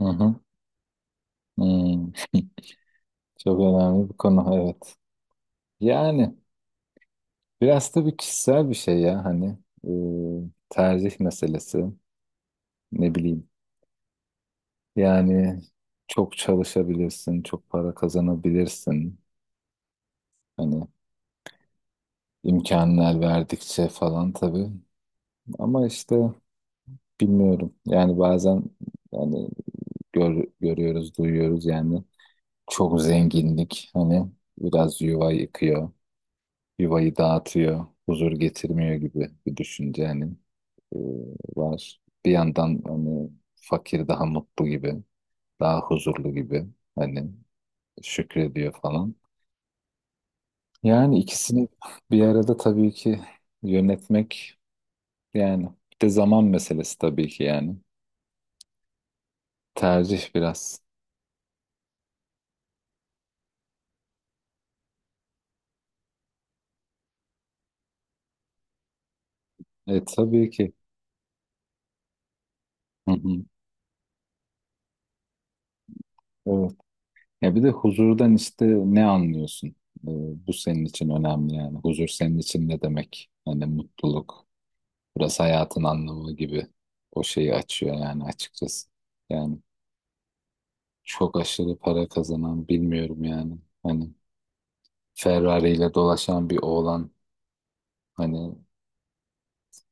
Hı hı. Hmm. Çok önemli bir konu, evet. Yani biraz tabii kişisel bir şey ya, hani tercih meselesi, ne bileyim. Yani çok çalışabilirsin, çok para kazanabilirsin. Hani imkanlar verdikçe falan tabii. Ama işte bilmiyorum. Yani bazen yani görüyoruz, duyuyoruz yani çok zenginlik hani biraz yuva yıkıyor, yuvayı dağıtıyor, huzur getirmiyor gibi bir düşünce hani e, var. Bir yandan hani fakir daha mutlu gibi, daha huzurlu gibi, hani şükrediyor falan. Yani ikisini bir arada tabii ki yönetmek yani, bir de zaman meselesi tabii ki yani. Tercih biraz. E tabii ki. Hı hı. Evet. Ya bir de huzurdan işte ne anlıyorsun? E, bu senin için önemli yani. Huzur senin için ne demek? Hani mutluluk, biraz hayatın anlamı gibi o şeyi açıyor yani açıkçası. Yani çok aşırı para kazanan bilmiyorum yani. Hani Ferrari ile dolaşan bir oğlan hani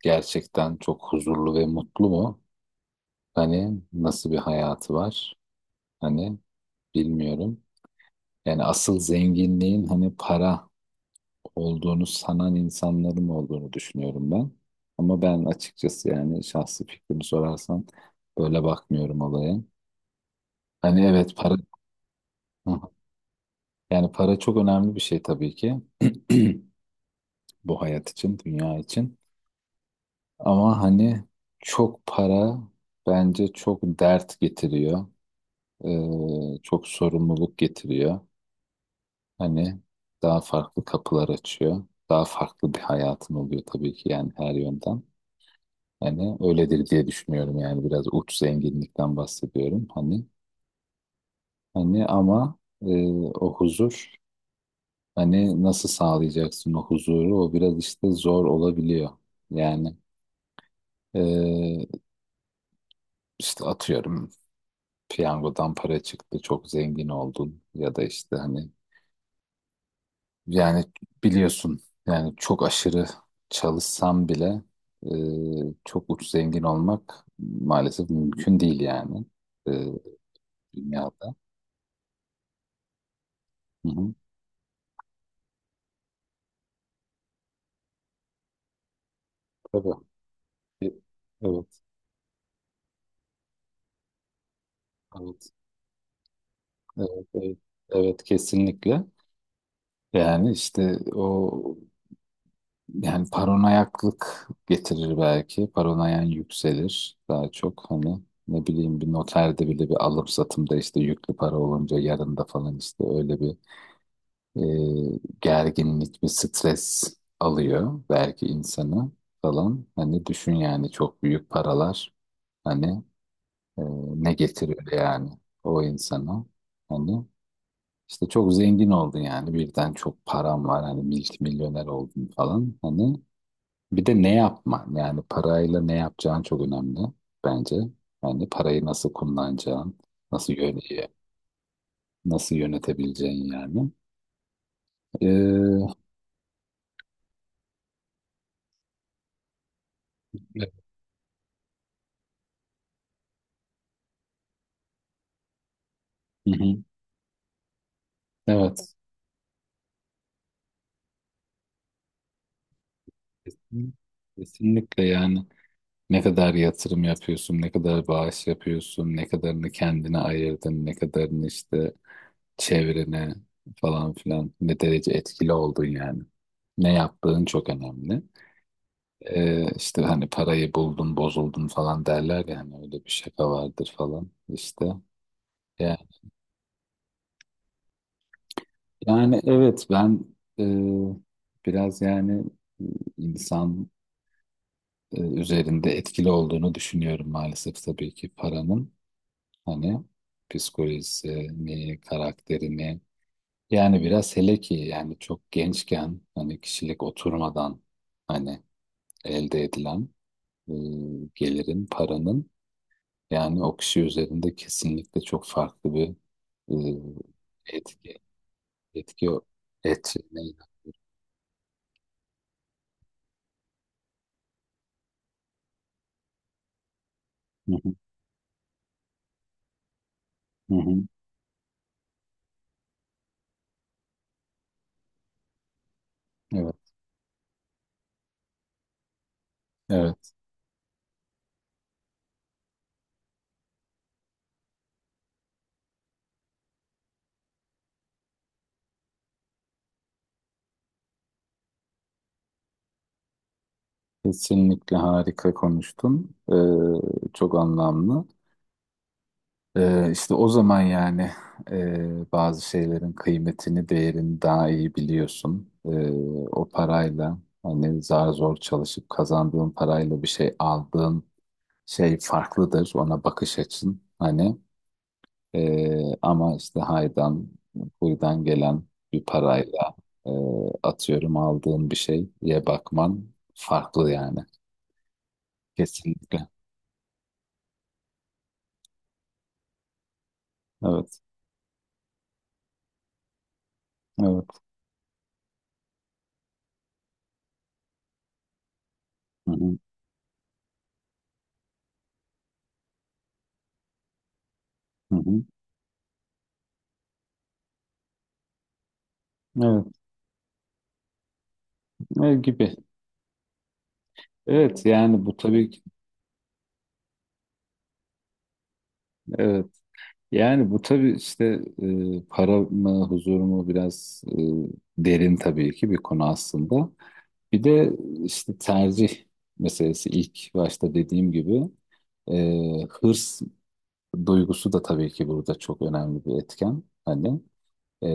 gerçekten çok huzurlu ve mutlu mu? Hani nasıl bir hayatı var? Hani bilmiyorum. Yani asıl zenginliğin hani para olduğunu sanan insanların olduğunu düşünüyorum ben. Ama ben açıkçası yani şahsi fikrimi sorarsan böyle bakmıyorum olaya. Hani evet para... Hı. Yani para çok önemli bir şey tabii ki. Bu hayat için, dünya için. Ama hani çok para bence çok dert getiriyor. Çok sorumluluk getiriyor. Hani daha farklı kapılar açıyor. Daha farklı bir hayatın oluyor tabii ki yani her yönden. Hani öyledir diye düşünüyorum yani biraz uç zenginlikten bahsediyorum. Hani ama o huzur, hani nasıl sağlayacaksın o huzuru? O biraz işte zor olabiliyor. Yani eee, işte atıyorum piyangodan para çıktı, çok zengin oldun ya da işte hani yani biliyorsun yani çok aşırı çalışsam bile çok uç zengin olmak maalesef mümkün değil yani eee, dünyada. Hı hı, tabii. E- Evet, evet, evet, evet, evet kesinlikle. Yani işte o, yani paranoyaklık getirir belki. Paranoyan yükselir daha çok. Hani ne bileyim, bir noterde bile bir alım satımda işte yüklü para olunca yarında falan işte öyle bir gerginlik, bir stres alıyor belki insanı falan. Hani düşün yani çok büyük paralar hani e, ne getiriyor yani o insana. Hani işte çok zengin oldun yani birden çok param var hani milyoner oldun falan. Hani bir de ne yapman yani parayla ne yapacağın çok önemli bence. Yani parayı nasıl kullanacağın, nasıl yön nasıl yönetebileceğin yani. Ee, evet. Hı hı. Evet. Kesin- Kesinlikle yani, ne kadar yatırım yapıyorsun, ne kadar bağış yapıyorsun, ne kadarını kendine ayırdın, ne kadarını işte çevrene falan filan, ne derece etkili oldun yani. Ne yaptığın çok önemli. İşte hani parayı buldun bozuldun falan derler ya, hani öyle bir şaka vardır falan işte. Ya, yani evet ben e, biraz yani e, insan üzerinde etkili olduğunu düşünüyorum maalesef tabii ki paranın, hani psikolojisini, karakterini yani, biraz hele ki yani çok gençken hani kişilik oturmadan hani elde edilen e, gelirin, paranın. Yani o kişi üzerinde kesinlikle çok farklı bir e, etki etki etki neydi? Hı hı, hı hı. Evet, evet. Kesinlikle harika konuştun. E, çok anlamlı. E, işte o zaman yani bazı şeylerin kıymetini, değerini daha iyi biliyorsun. E, o parayla hani zar zor çalışıp kazandığın parayla bir şey aldığın şey farklıdır. Ona bakış açın hani. Ama işte haydan, huydan gelen bir parayla e, atıyorum aldığın bir şeye bakman farklı yani. Kesinlikle. Evet. Evet. Hı hı. Hı hı. Evet. Ne gibi. Evet yani bu tabii ki evet. Yani bu tabii işte para mı huzur mu, biraz derin tabii ki bir konu aslında. Bir de işte tercih meselesi ilk başta dediğim gibi hırs duygusu da tabii ki burada çok önemli bir etken. Hani e,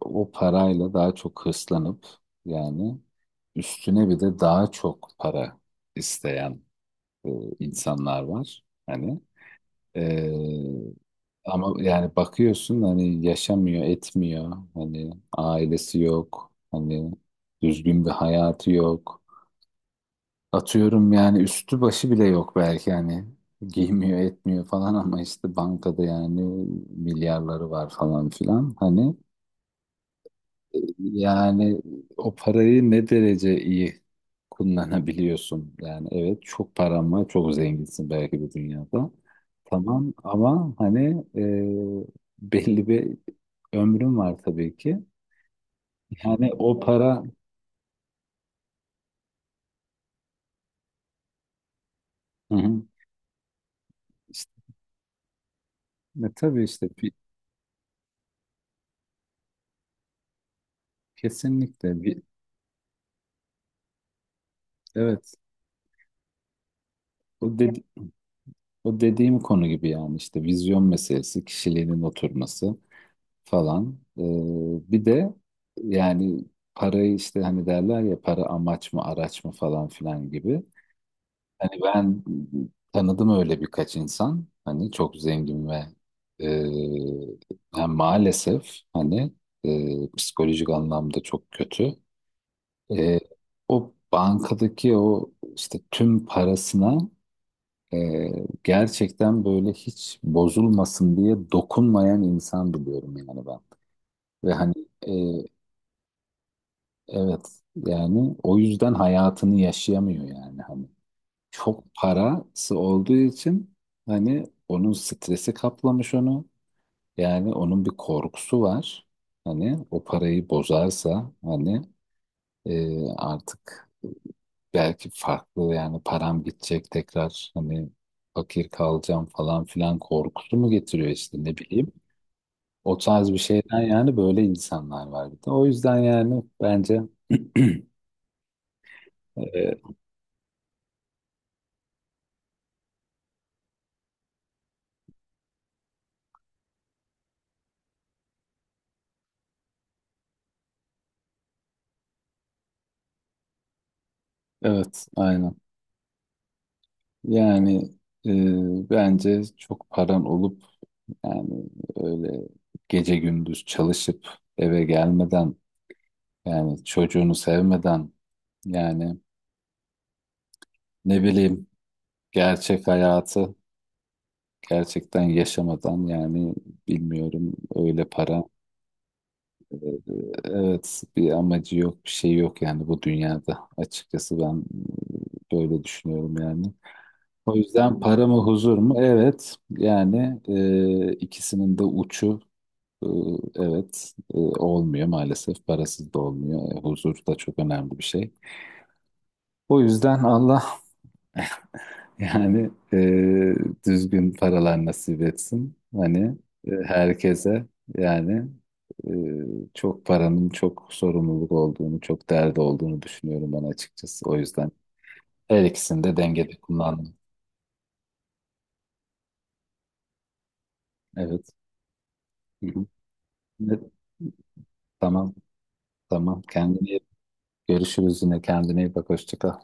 o parayla daha çok hırslanıp yani üstüne bir de daha çok para isteyen e, insanlar var. Hani e, ama yani bakıyorsun hani yaşamıyor, etmiyor. Hani ailesi yok. Hani düzgün bir hayatı yok. Atıyorum yani üstü başı bile yok belki, hani giymiyor etmiyor falan, ama işte bankada yani milyarları var falan filan hani, yani o parayı ne derece iyi kullanabiliyorsun yani. Evet çok paran var, çok zenginsin belki bu dünyada tamam, ama hani e, belli bir ömrün var tabii ki yani o para. Hı hı. İşte, tabii işte bir, kesinlikle bir evet. o de- O dediğim konu gibi yani, işte vizyon meselesi, kişiliğinin oturması falan. Bir de yani parayı işte hani derler ya, para amaç mı araç mı falan filan gibi. Hani ben tanıdım öyle birkaç insan. Hani çok zengin ve e, yani maalesef hani psikolojik anlamda çok kötü. E, o bankadaki o işte tüm parasına ee, gerçekten böyle hiç bozulmasın diye dokunmayan insan biliyorum yani ben. Ve hani e, evet yani o yüzden hayatını yaşayamıyor yani hani. Çok parası olduğu için hani onun stresi kaplamış onu. Yani onun bir korkusu var. Hani o parayı bozarsa hani artık belki farklı, yani param gidecek tekrar hani fakir kalacağım falan filan korkusu mu getiriyor işte, ne bileyim. O tarz bir şeyden yani, böyle insanlar var bir de. O yüzden yani bence e, evet aynen. Yani bence çok paran olup yani öyle gece gündüz çalışıp eve gelmeden, yani çocuğunu sevmeden yani, ne bileyim gerçek hayatı gerçekten yaşamadan yani, bilmiyorum öyle para. Evet bir amacı yok, bir şey yok yani bu dünyada. Açıkçası ben böyle düşünüyorum yani. O yüzden para mı huzur mu? Evet yani ikisinin de uçu e, evet olmuyor maalesef. Parasız da olmuyor. E, huzur da çok önemli bir şey. O yüzden Allah yani düzgün paralar nasip etsin. Hani herkese yani e, çok paranın çok sorumluluk olduğunu, çok derdi olduğunu düşünüyorum ben açıkçası. O yüzden her ikisini de dengede kullandım. Evet. Hı hı. Evet. Tamam, tamam. Görüşürüz yine. Kendine iyi bak. Hoşça kal.